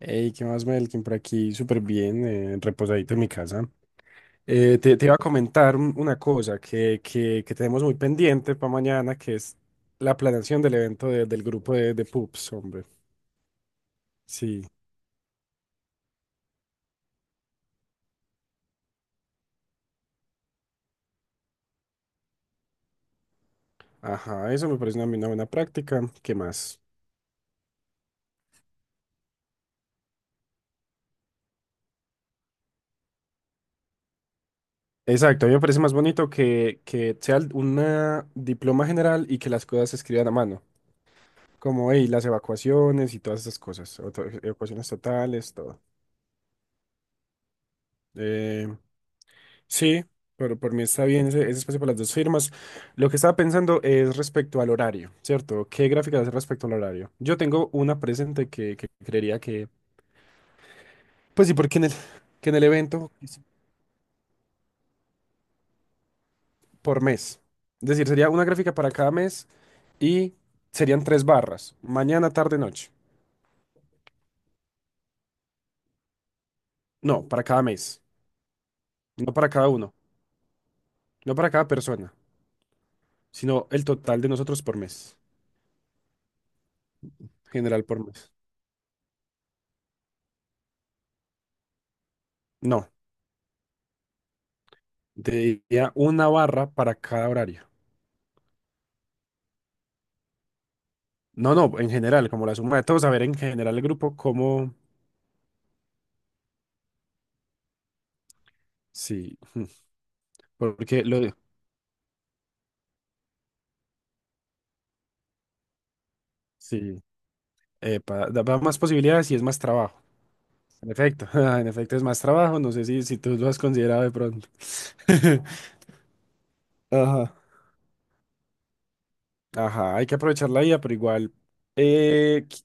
Hey, ¿qué más, Melkin? Por aquí, súper bien, reposadito en mi casa. Te iba a comentar una cosa que tenemos muy pendiente para mañana, que es la planeación del evento del grupo de pups, hombre. Sí, ajá, eso me parece una buena práctica. ¿Qué más? Exacto, a mí me parece más bonito que sea un diploma general y que las cosas se escriban a mano, como hey, las evacuaciones y todas esas cosas, o evacuaciones totales, todo. Eh, Sí, pero por mí está bien ese, ese espacio para las dos firmas. Lo que estaba pensando es respecto al horario, ¿cierto? ¿Qué gráfica hacer respecto al horario? Yo tengo una presente que creería que, pues sí, porque en que en el evento es por mes. Es decir, sería una gráfica para cada mes y serían tres barras, mañana, tarde, noche. No, para cada mes, no para cada uno, no para cada persona, sino el total de nosotros por mes, general por mes. No, diría una barra para cada horario. No, no, en general, como la suma de todos, a ver en general el grupo cómo, sí, porque lo, sí, epa, da, da más posibilidades y es más trabajo. En efecto, en efecto es más trabajo, no sé si tú lo has considerado de pronto. Ajá. Ajá, hay que aprovechar la IA, pero igual, eh, qui-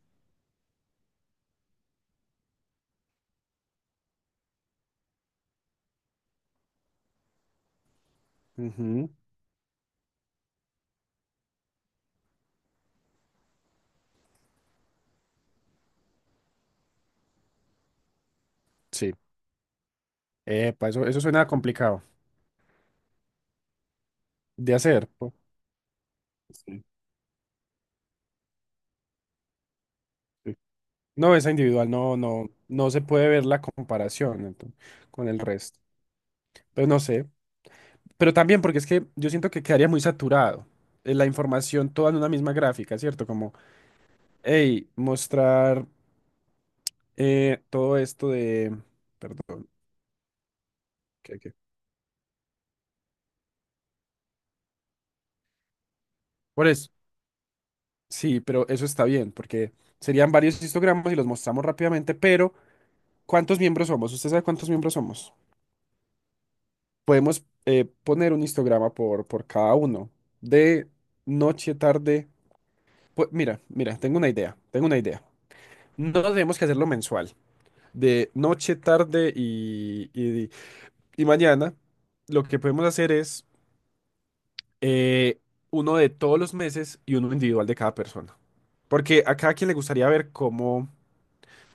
ujú, sí, epa, eso suena complicado de hacer. Sí, sí. No, esa individual no, no, no se puede ver la comparación con el resto. Pero no sé. Pero también porque es que yo siento que quedaría muy saturado la información toda en una misma gráfica, ¿cierto? Como, hey, mostrar todo esto de... Perdón, ¿qué? Por eso, sí, pero eso está bien, porque serían varios histogramas y los mostramos rápidamente, pero ¿cuántos miembros somos? ¿Usted sabe cuántos miembros somos? Podemos poner un histograma por cada uno, de noche, tarde. Pues, mira, mira, tengo una idea, tengo una idea. No tenemos que hacerlo mensual. De noche, tarde y mañana, lo que podemos hacer es eh, uno de todos los meses y uno individual de cada persona. Porque a cada quien le gustaría ver cómo,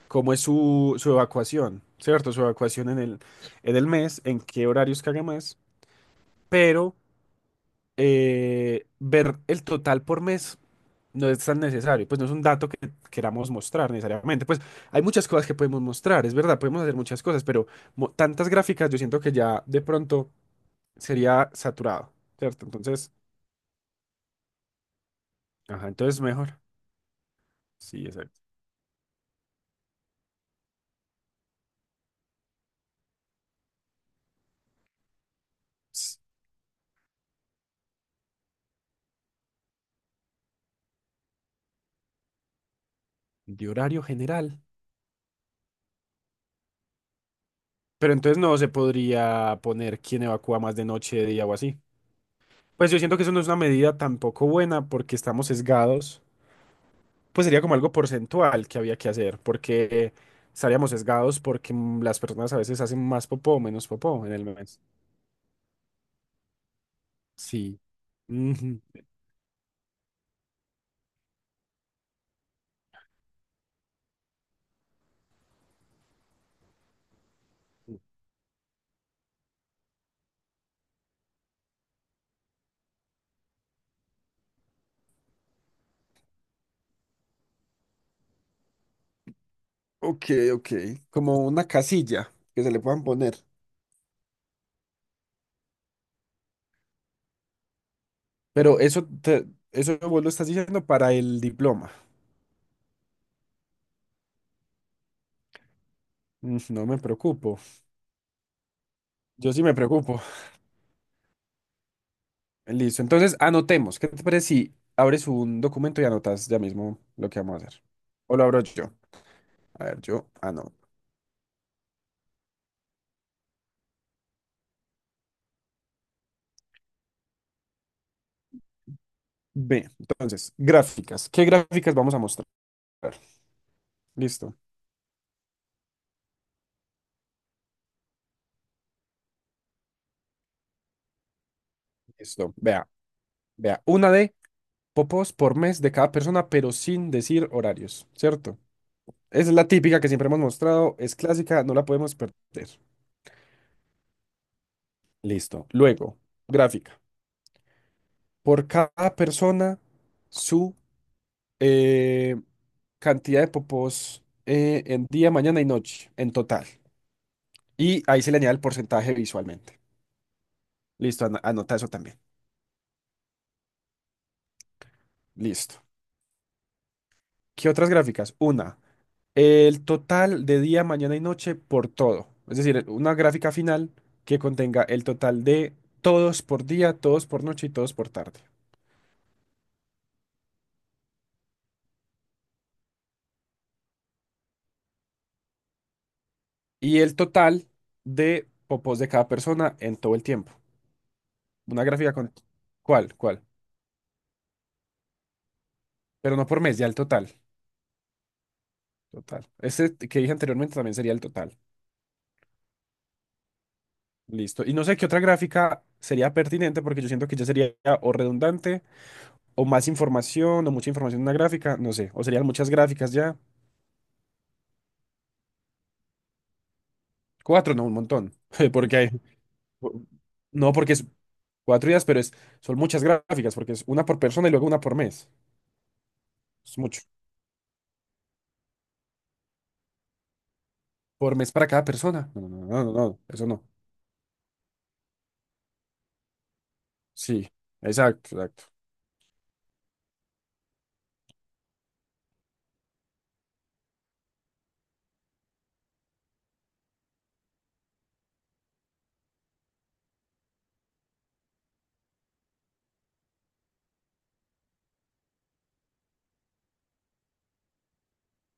cómo es su, su evacuación, ¿cierto? Su evacuación en el mes, en qué horarios caga más, pero ver el total por mes no es tan necesario, pues no es un dato que queramos mostrar necesariamente. Pues hay muchas cosas que podemos mostrar, es verdad, podemos hacer muchas cosas, pero tantas gráficas yo siento que ya de pronto sería saturado, ¿cierto? Entonces, ajá, entonces mejor. Sí, exacto. S- De horario general. Pero entonces no se podría poner quién evacúa más de noche, de día o así. Pues yo siento que eso no es una medida tampoco buena porque estamos sesgados, pues sería como algo porcentual que había que hacer, porque estaríamos sesgados porque las personas a veces hacen más popó o menos popó en el mes. Sí. Ujú. Ok, ok. Como una casilla que se le puedan poner. Pero eso, eso vos lo estás diciendo para el diploma. Mm, no me preocupo. Yo sí me preocupo. Listo. Entonces, anotemos. ¿Qué te parece si abres un documento y anotas ya mismo lo que vamos a hacer? O lo abro yo. A ver, yo anoto. Ve, entonces, gráficas. ¿Qué gráficas vamos a mostrar? Listo, listo. Vea, vea. Una de popos por mes de cada persona, pero sin decir horarios, ¿cierto? Esa es la típica que siempre hemos mostrado, es clásica, no la podemos perder. Listo. Luego, gráfica. Por cada persona, su eh, cantidad de popos en día, mañana y noche, en total. Y ahí se le añade el porcentaje visualmente. Listo, anota eso también. Listo. ¿Qué otras gráficas? Una. El total de día, mañana y noche por todo. Es decir, una gráfica final que contenga el total de todos por día, todos por noche y todos por tarde. Y el total de popos de cada persona en todo el tiempo. Una gráfica con... ¿Cuál? ¿Cuál? Pero no por mes, ya el total. Total. Este que dije anteriormente también sería el total. Listo. Y no sé qué otra gráfica sería pertinente porque yo siento que ya sería o redundante o más información o mucha información en una gráfica, no sé. O serían muchas gráficas ya. Cuatro, no, un montón. Porque hay. No, porque es cuatro días, pero es, son muchas gráficas, porque es una por persona y luego una por mes. Es mucho. Por mes para cada persona. No, no, no, no, no, no, eso no. Sí, exacto, exacto.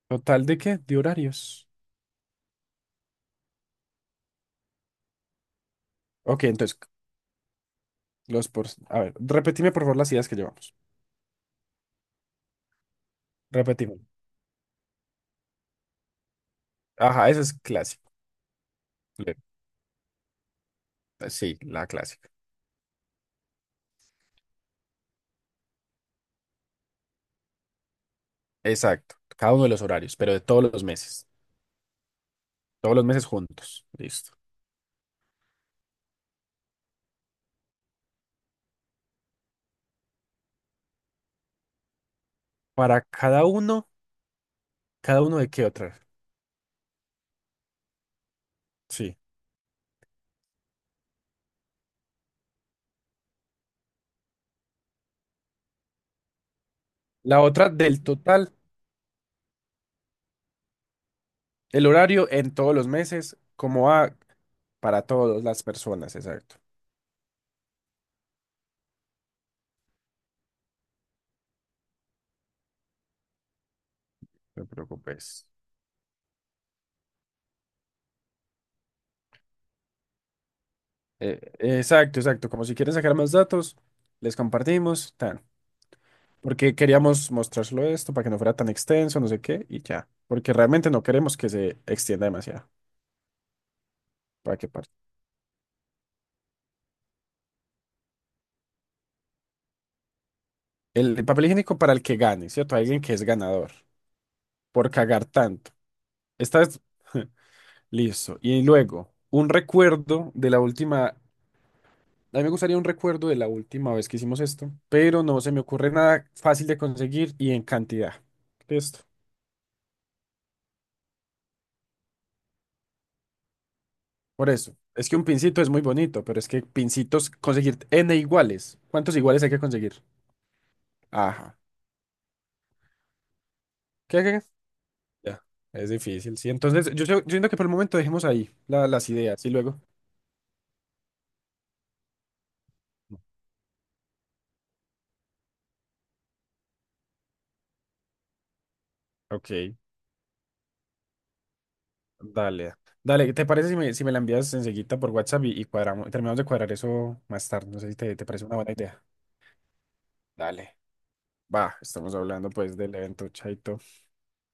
¿Total de qué? De horarios. Ok, entonces, los por. A ver, repetime por favor las ideas que llevamos. Repetime. Ajá, eso es clásico. Le- Sí, la clásica. Exacto. Cada uno de los horarios, pero de todos los meses. Todos los meses juntos. Listo. Para ¿cada uno de qué otra? Sí. La otra del total, el horario en todos los meses, como a para todas las personas, exacto. No te preocupes. Exacto, exacto. Como si quieren sacar más datos, les compartimos, tan. Porque queríamos mostrárselo esto para que no fuera tan extenso, no sé qué, y ya. Porque realmente no queremos que se extienda demasiado. ¿Para qué parte? El papel higiénico para el que gane, ¿cierto? Alguien que es ganador por cagar tanto. Esta es listo. Y luego, un recuerdo de la última. A mí me gustaría un recuerdo de la última vez que hicimos esto, pero no se me ocurre nada fácil de conseguir y en cantidad. Listo. Por eso. Es que un pincito es muy bonito, pero es que pincitos, conseguir n iguales. ¿Cuántos iguales hay que conseguir? Ajá. ¿Qué? Ya. Es difícil, sí. Entonces, yo, yo siento que por el momento dejemos ahí las ideas y luego. Ok, dale. Dale, ¿te parece si me, si me la envías enseguida por WhatsApp y cuadramos, terminamos de cuadrar eso más tarde? No sé si te parece una buena idea. Dale. Bah, estamos hablando pues del evento Chaito.